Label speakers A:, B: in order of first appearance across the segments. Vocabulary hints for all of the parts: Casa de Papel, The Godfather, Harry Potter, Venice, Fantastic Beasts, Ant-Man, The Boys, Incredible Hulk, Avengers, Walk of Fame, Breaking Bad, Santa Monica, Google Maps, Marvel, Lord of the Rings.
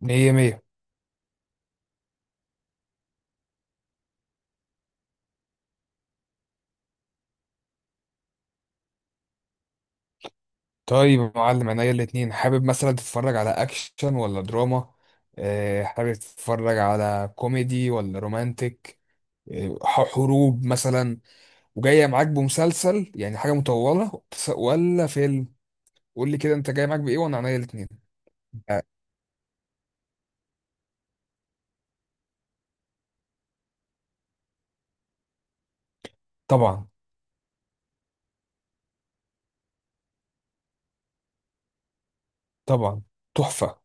A: مية مية. طيب يا معلم، عينيا الاتنين. حابب مثلا تتفرج على أكشن ولا دراما؟ حابب تتفرج على كوميدي ولا رومانتك؟ حروب مثلا؟ وجاية معاك بمسلسل يعني حاجة مطولة، ولا فيلم؟ قول لي كده، أنت جاي معاك بإيه وأنا عينيا الاتنين؟ آه، طبعا. طبعا. تحفة.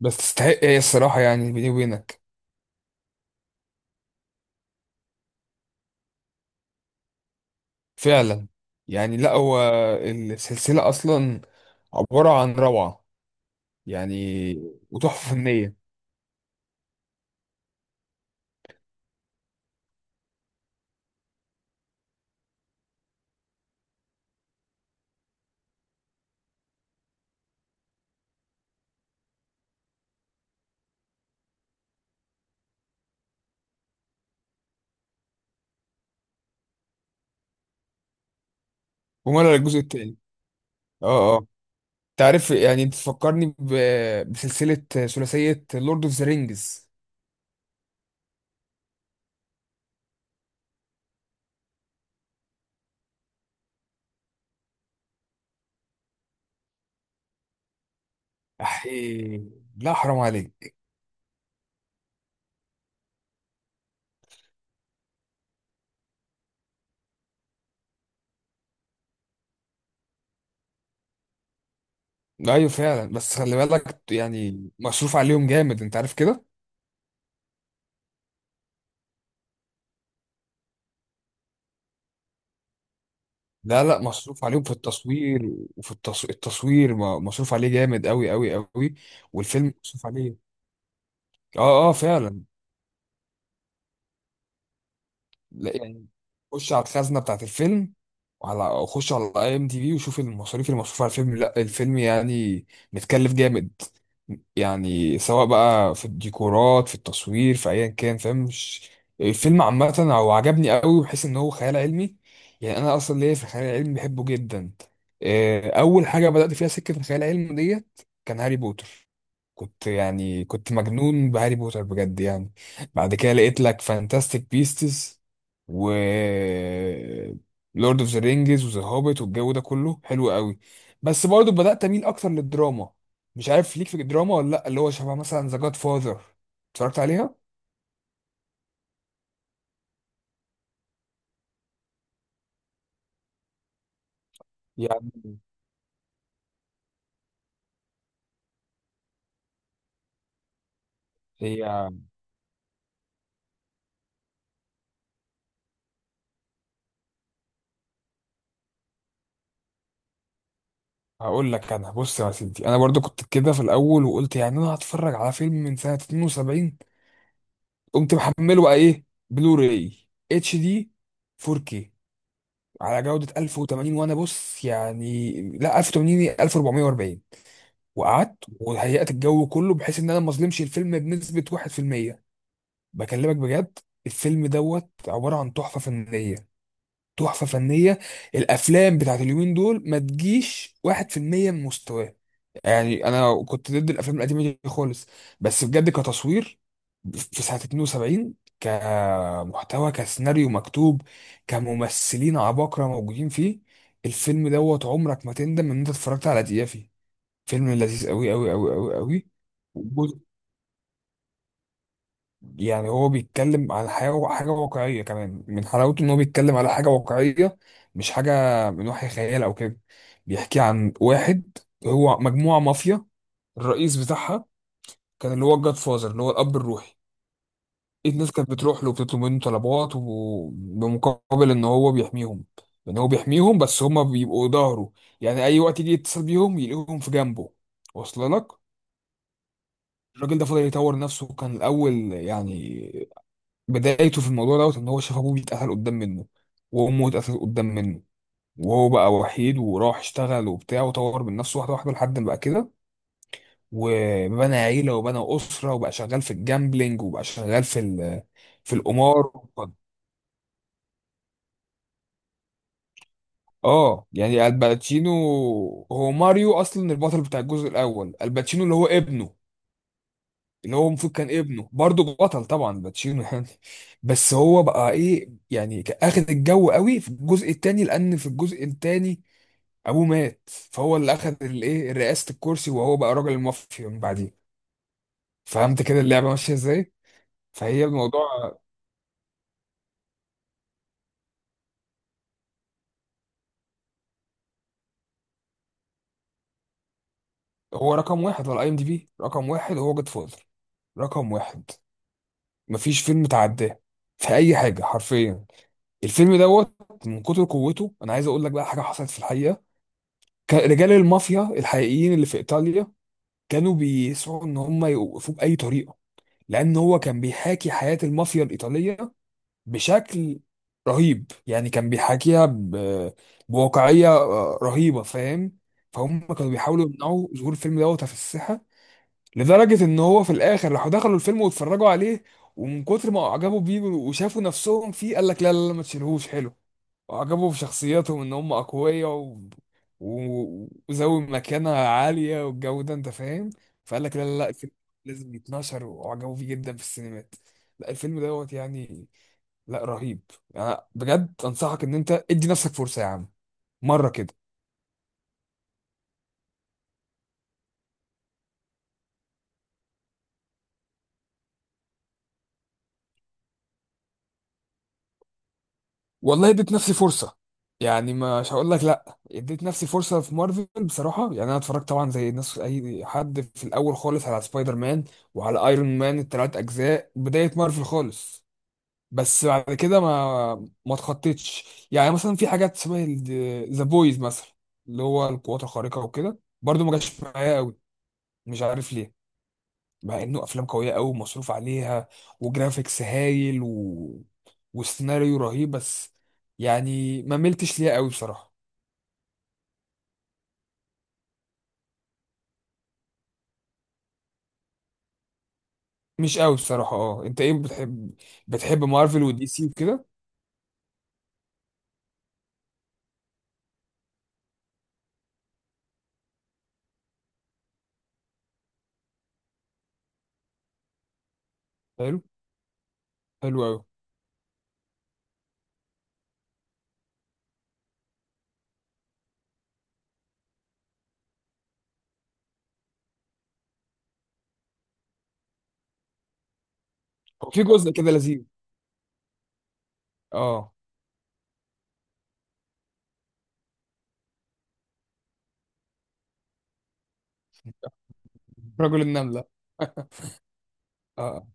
A: بس تستحق، إيه الصراحة يعني، بيني وبينك. فعلا. يعني لا، هو السلسلة أصلا عبارة عن روعة، يعني، وتحفة فنية. وماله الجزء التاني؟ اه، اه. تعرف يعني، بتفكرني بسلسلة ثلاثية لورد اوف ذا رينجز. احي، لا حرام عليك. لا ايوه، فعلا، بس خلي بالك يعني مصروف عليهم جامد، انت عارف كده. لا لا، مصروف عليهم في التصوير. التصوير مصروف عليه جامد قوي قوي قوي. والفيلم مصروف عليه. اه اه، فعلا. لا يعني، خش على الخزنه بتاعت الفيلم، خش على اي ام دي بي وشوف المصاريف اللي مصروفه على الفيلم. لا الفيلم يعني متكلف جامد. يعني سواء بقى في الديكورات، في التصوير، في ايا كان، فاهم مش؟ الفيلم عامه هو عجبني قوي بحيث ان هو خيال علمي. يعني انا اصلا ليا في الخيال العلمي، بحبه جدا. اول حاجه بدات فيها سكه الخيال العلمي ديت كان هاري بوتر. كنت يعني كنت مجنون بهاري بوتر بجد يعني. بعد كده لقيت لك فانتاستيك بيستس و لورد اوف ذا رينجز وذا هوبيت، والجو ده كله حلو قوي. بس برضه بدأت اميل اكتر للدراما. مش عارف ليك في الدراما ولا لا؟ اللي هو شبه مثلا ذا جاد فاذر، اتفرجت عليها؟ يعني هي. هقول لك انا، بص يا سيدي، انا برضو كنت كده في الاول، وقلت يعني انا هتفرج على فيلم من سنة 72. قمت محمله بقى ايه، بلوراي، اتش دي، 4K، على جودة 1080. وانا بص يعني، لا 1080 1440. وقعدت وهيأت الجو كله بحيث ان انا ما اظلمش الفيلم بنسبة 1%. بكلمك بجد، الفيلم دوت عبارة عن تحفة فنية، تحفة فنية. الافلام بتاعت اليومين دول ما تجيش 1% من مستواه. يعني انا كنت ضد الافلام القديمة دي خالص، بس بجد، كتصوير في سنة 72، كمحتوى، كسيناريو مكتوب، كممثلين عباقرة موجودين فيه، الفيلم دوت عمرك ما تندم ان انت اتفرجت على دقيقة فيه. فيلم لذيذ قوي قوي قوي قوي قوي. وجزء- يعني هو بيتكلم على حاجة واقعية كمان. من حلاوته إن هو بيتكلم على حاجة واقعية، مش حاجة من وحي خيال أو كده. بيحكي عن واحد، هو مجموعة مافيا، الرئيس بتاعها كان اللي هو الجاد فازر، اللي هو الأب الروحي. الناس كانت بتروح له وبتطلب منه طلبات، وبمقابل إن هو بيحميهم، إن هو بيحميهم، بس هما بيبقوا ظهره. يعني أي وقت يجي يتصل بيهم يلاقيهم في جنبه. واصل لك؟ الراجل ده فضل يطور نفسه. كان الاول يعني بدايته في الموضوع دوت ان هو شاف ابوه بيتقتل قدام منه، وامه اتقتلت قدام منه، وهو بقى وحيد، وراح اشتغل وبتاع وطور من نفسه واحده واحده لحد ما بقى كده. وبنى عيله وبنى اسره، وبقى شغال في الجامبلينج وبقى شغال في القمار. اه، يعني الباتشينو. هو ماريو اصلا البطل بتاع الجزء الاول، الباتشينو اللي هو ابنه، اللي هو المفروض كان ابنه برضه بطل، طبعا باتشينو يعني. بس هو بقى ايه يعني، كان اخد الجو قوي في الجزء التاني، لان في الجزء التاني ابوه مات، فهو اللي اخد الايه، رئاسة الكرسي، وهو بقى راجل المافيا من بعديه. فهمت كده اللعبة ماشية ازاي؟ فهي الموضوع. هو رقم واحد على اي ام دي بي، رقم واحد هو جود فوزر. رقم واحد، مفيش فيلم تعداه في اي حاجة حرفيا. الفيلم دوت، من كتر قوته، انا عايز اقول لك بقى حاجة حصلت في الحقيقة. كان رجال المافيا الحقيقيين اللي في ايطاليا كانوا بيسعوا ان هم يوقفوه باي طريقه، لان هو كان بيحاكي حياه المافيا الايطاليه بشكل رهيب. يعني كان بيحاكيها بواقعيه رهيبه، فاهم؟ فهم كانوا بيحاولوا يمنعوا ظهور الفيلم دوت في الساحه، لدرجه ان هو في الاخر راحوا دخلوا الفيلم واتفرجوا عليه. ومن كتر ما اعجبوا بيه وشافوا نفسهم فيه، قال لك لا لا لا، ما تشيلهوش، حلو. وعجبهم شخصياتهم ان هم اقوياء وذوي مكانة عالية والجو ده، انت فاهم؟ فقال لك لا لا لا، الفيلم لازم يتنشر، وعجبوا فيه جدا في السينمات. لا الفيلم دوت يعني، لا رهيب. يعني بجد انصحك ان انت ادي نفسك فرصة يا عم، مرة كده. والله اديت نفسي فرصة، يعني مش هقول لك لا. اديت نفسي فرصة في مارفل بصراحة. يعني انا اتفرجت طبعا زي الناس، اي حد في الاول خالص، على سبايدر مان وعلى ايرون مان التلات اجزاء، بداية مارفل خالص. بس بعد كده ما اتخطيتش. يعني مثلا في حاجات شبه ذا بويز مثلا، اللي هو القوات الخارقة وكده، برضو ما جاش معايا قوي. مش عارف ليه، مع انه افلام قوية قوي ومصروف عليها وجرافيكس هايل وسيناريو رهيب. بس يعني ما ملتش ليها قوي بصراحة. مش قوي بصراحة. اه، انت ايه بتحب؟ بتحب مارفل ودي سي وكده؟ حلو. حلو قوي. وفي جزء كده لذيذ. اه، رجل النملة. اه،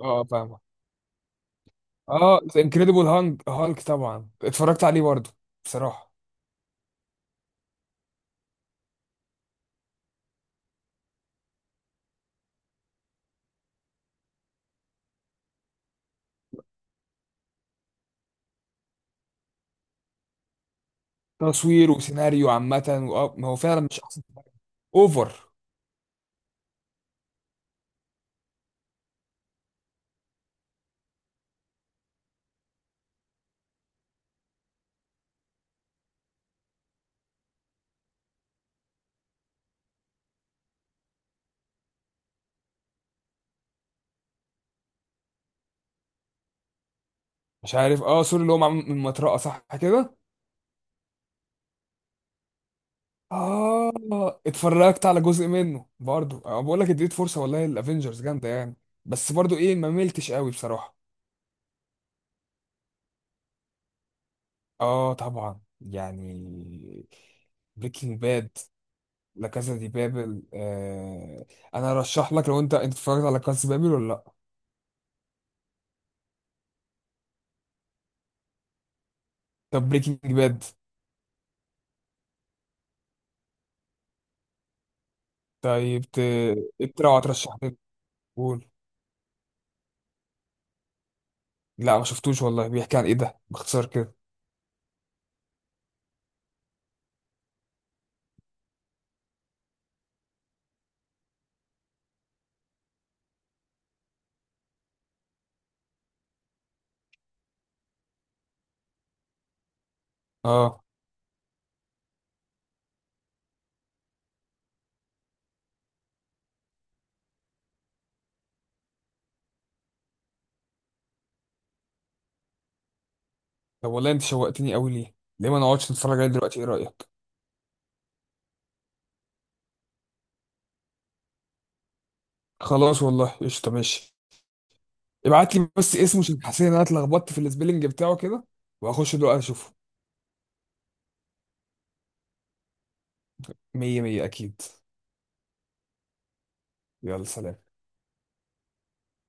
A: اه، فاهم. اه، انكريدبل هانك هالك، طبعا اتفرجت عليه برضه. بصراحه، تصوير وسيناريو عامه، وآه، ما هو فعلا مش احسن حاجة. اوفر. مش عارف. اه، سوري اللي هو معمول من مطرقه، صح كده؟ اه، اتفرجت على جزء منه برضه. آه، بقول لك اديت فرصه، والله الافينجرز جامده يعني. بس برضه ايه، ما ملتش قوي بصراحه. اه طبعا يعني. بريكنج باد. لا، كازا دي بابل، آه. انا ارشح لك، لو انت اتفرجت على كازا دي بابل ولا لا؟ طب بريكنج باد. طيب اقترح وترشح لي. قول. لا ما شفتوش والله. بيحكي عن ايه ده، باختصار كده؟ اه. طب والله انت شوقتني قوي. ليه ما نقعدش نتفرج عليه دلوقتي؟ ايه رايك؟ خلاص والله، قشطه، ماشي. ابعت لي بس اسمه، عشان حسيت ان انا اتلخبطت في السبيلنج بتاعه كده، وهخش دلوقتي اشوفه. مية مية، اكيد. يلا، سلام.